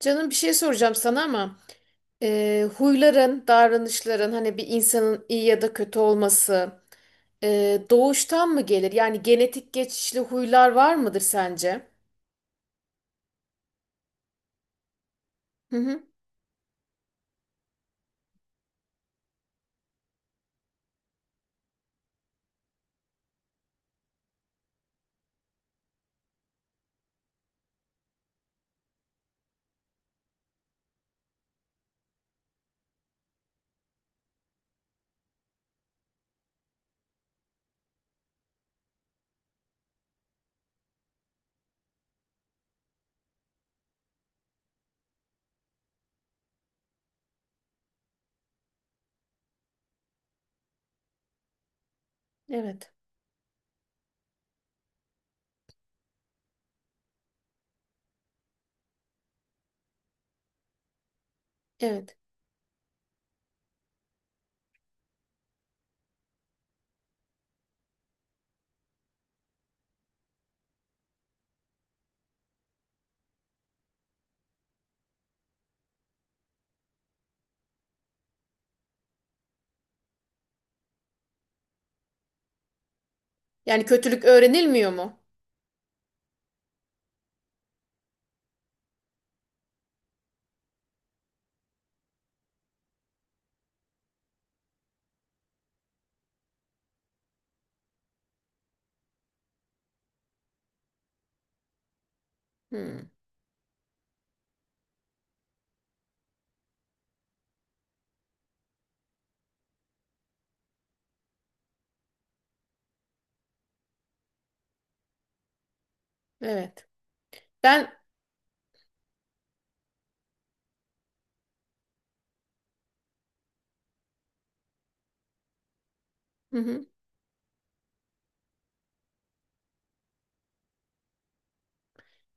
Canım bir şey soracağım sana ama huyların, davranışların hani bir insanın iyi ya da kötü olması doğuştan mı gelir? Yani genetik geçişli huylar var mıdır sence? Hı hı. Evet. Evet. Yani kötülük öğrenilmiyor mu? Hı, evet. Ben hı hı.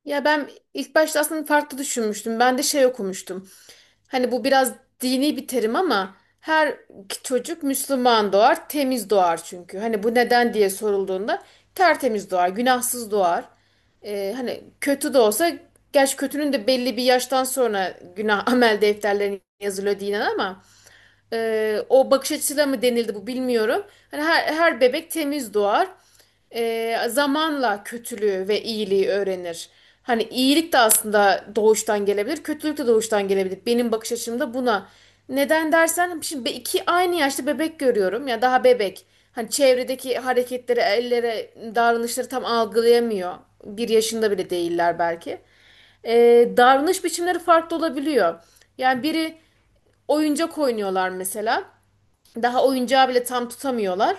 Ya ben ilk başta aslında farklı düşünmüştüm. Ben de şey okumuştum. Hani bu biraz dini bir terim ama her çocuk Müslüman doğar, temiz doğar çünkü. Hani bu neden diye sorulduğunda tertemiz doğar, günahsız doğar. Hani kötü de olsa, gerçi kötünün de belli bir yaştan sonra günah amel defterlerine yazılıyor dinen ama o bakış açısıyla mı denildi bu bilmiyorum. Hani her bebek temiz doğar. Zamanla kötülüğü ve iyiliği öğrenir. Hani iyilik de aslında doğuştan gelebilir, kötülük de doğuştan gelebilir. Benim bakış açımda buna. Neden dersen şimdi iki aynı yaşta bebek görüyorum ya daha bebek. Hani çevredeki hareketleri, ellere, davranışları tam algılayamıyor. 1 yaşında bile değiller belki davranış biçimleri farklı olabiliyor. Yani biri oyuncak oynuyorlar mesela. Daha oyuncağı bile tam tutamıyorlar.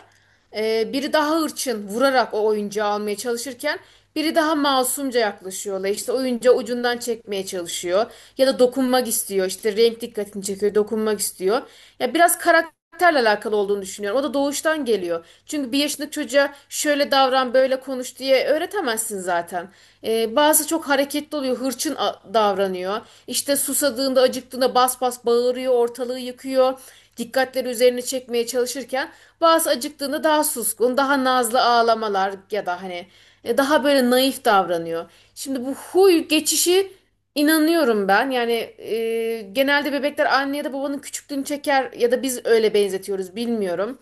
Biri daha hırçın vurarak o oyuncağı almaya çalışırken biri daha masumca yaklaşıyorlar. İşte oyuncağı ucundan çekmeye çalışıyor ya da dokunmak istiyor. İşte renk dikkatini çekiyor, dokunmak istiyor. Ya biraz karakterle alakalı olduğunu düşünüyorum. O da doğuştan geliyor. Çünkü 1 yaşındaki çocuğa şöyle davran, böyle konuş diye öğretemezsin zaten. Bazı çok hareketli oluyor, hırçın davranıyor. İşte susadığında, acıktığında bas bas bağırıyor, ortalığı yıkıyor dikkatleri üzerine çekmeye çalışırken bazı acıktığında daha suskun, daha nazlı ağlamalar ya da hani daha böyle naif davranıyor. Şimdi bu huy geçişi inanıyorum ben. Yani genelde bebekler anne ya da babanın küçüklüğünü çeker ya da biz öyle benzetiyoruz bilmiyorum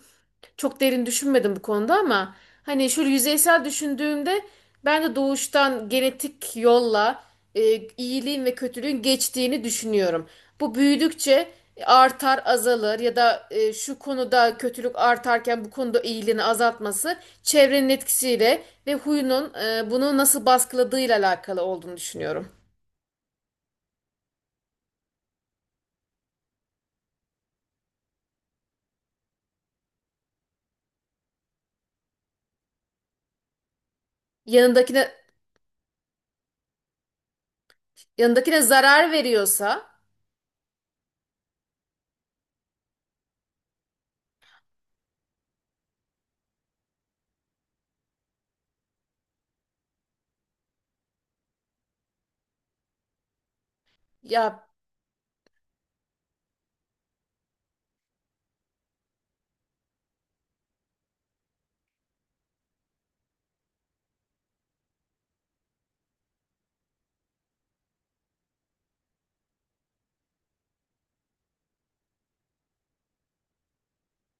çok derin düşünmedim bu konuda ama hani şöyle yüzeysel düşündüğümde ben de doğuştan genetik yolla iyiliğin ve kötülüğün geçtiğini düşünüyorum. Bu büyüdükçe artar, azalır ya da şu konuda kötülük artarken bu konuda iyiliğini azaltması çevrenin etkisiyle ve huyunun bunu nasıl baskıladığıyla alakalı olduğunu düşünüyorum. Yanındakine Yanındakine zarar veriyorsa ya,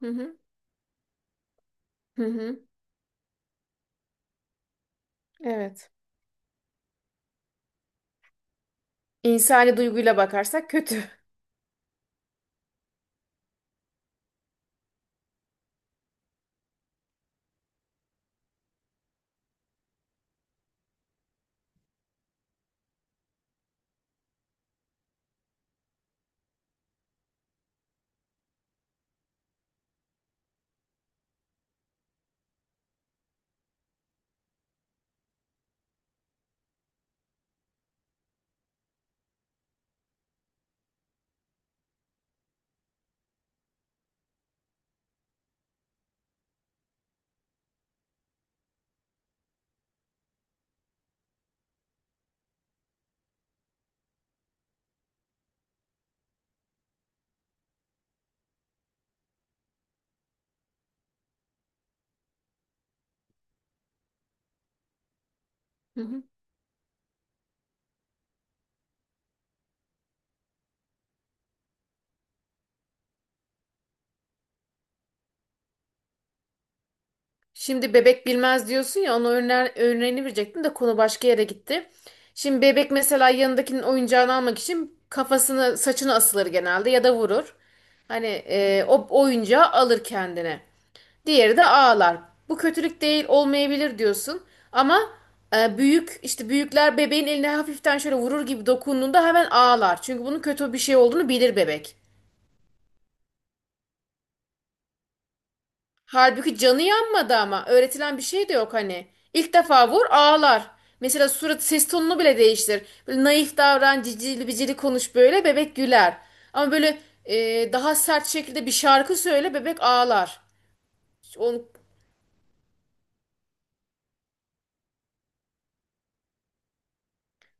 hı hı, hı hı, evet. İnsani duyguyla bakarsak kötü. Hı hı. Şimdi bebek bilmez diyorsun ya, ona örneğini verecektim de konu başka yere gitti. Şimdi bebek mesela yanındakinin oyuncağını almak için kafasını saçını asılır genelde ya da vurur. Hani o oyuncağı alır kendine. Diğeri de ağlar. Bu kötülük değil, olmayabilir diyorsun. Ama büyük işte büyükler bebeğin eline hafiften şöyle vurur gibi dokunduğunda hemen ağlar. Çünkü bunun kötü bir şey olduğunu bilir bebek. Halbuki canı yanmadı ama. Öğretilen bir şey de yok hani. İlk defa vur, ağlar. Mesela surat ses tonunu bile değiştir. Böyle naif davran, cicili bicili konuş, böyle bebek güler. Ama böyle daha sert şekilde bir şarkı söyle, bebek ağlar. Onu,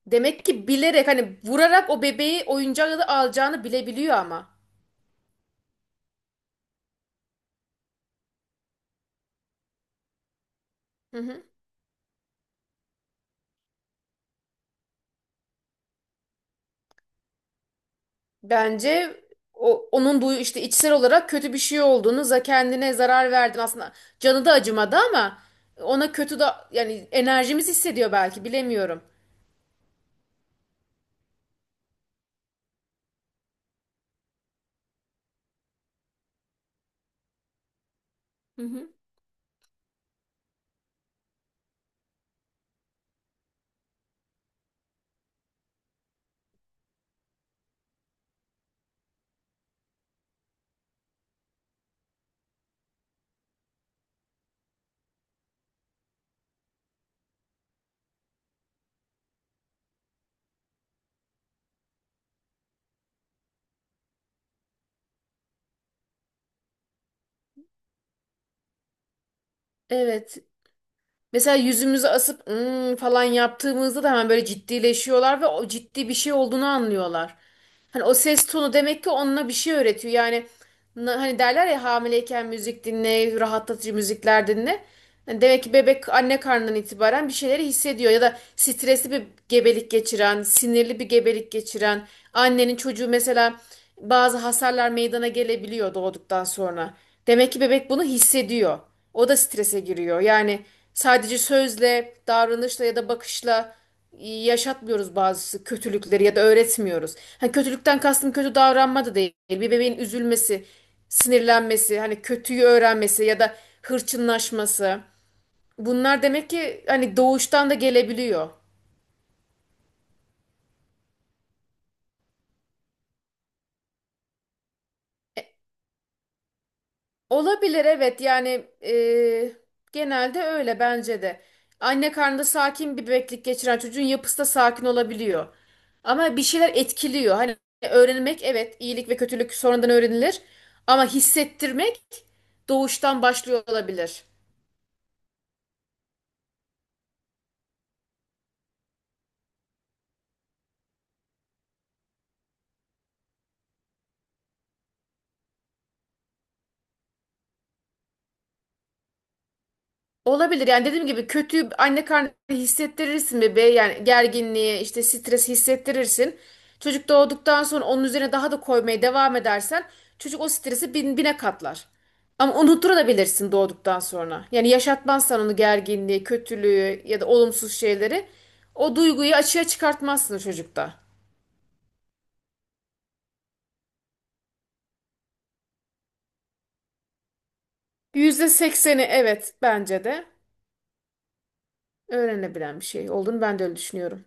Demek ki bilerek hani vurarak o bebeği oyuncağı da alacağını bilebiliyor ama. Hı hı. Bence onun bu işte içsel olarak kötü bir şey olduğunu za, kendine zarar verdin aslında. Canı da acımadı ama ona kötü da yani enerjimiz hissediyor belki, bilemiyorum. Hı hı. Evet. Mesela yüzümüzü asıp "Hmm," falan yaptığımızda da hemen böyle ciddileşiyorlar ve o ciddi bir şey olduğunu anlıyorlar. Hani o ses tonu demek ki onunla bir şey öğretiyor. Yani hani derler ya, hamileyken müzik dinle, rahatlatıcı müzikler dinle. Yani demek ki bebek anne karnından itibaren bir şeyleri hissediyor. Ya da stresli bir gebelik geçiren, sinirli bir gebelik geçiren annenin çocuğu, mesela bazı hasarlar meydana gelebiliyor doğduktan sonra. Demek ki bebek bunu hissediyor. O da strese giriyor. Yani sadece sözle, davranışla ya da bakışla yaşatmıyoruz bazı kötülükleri ya da öğretmiyoruz. Hani kötülükten kastım kötü davranma da değil. Bir bebeğin üzülmesi, sinirlenmesi, hani kötüyü öğrenmesi ya da hırçınlaşması. Bunlar demek ki hani doğuştan da gelebiliyor. Olabilir, evet, yani genelde öyle bence de. Anne karnında sakin bir bebeklik geçiren çocuğun yapısı da sakin olabiliyor. Ama bir şeyler etkiliyor. Hani öğrenmek, evet, iyilik ve kötülük sonradan öğrenilir. Ama hissettirmek doğuştan başlıyor olabilir. Olabilir yani, dediğim gibi kötü anne karnı hissettirirsin bebeğe, yani gerginliği işte, stres hissettirirsin. Çocuk doğduktan sonra onun üzerine daha da koymaya devam edersen çocuk o stresi bine katlar. Ama unutturabilirsin doğduktan sonra. Yani yaşatmazsan onu, gerginliği, kötülüğü ya da olumsuz şeyleri, o duyguyu açığa çıkartmazsın çocukta. %80'i evet, bence de öğrenebilen bir şey olduğunu ben de öyle düşünüyorum.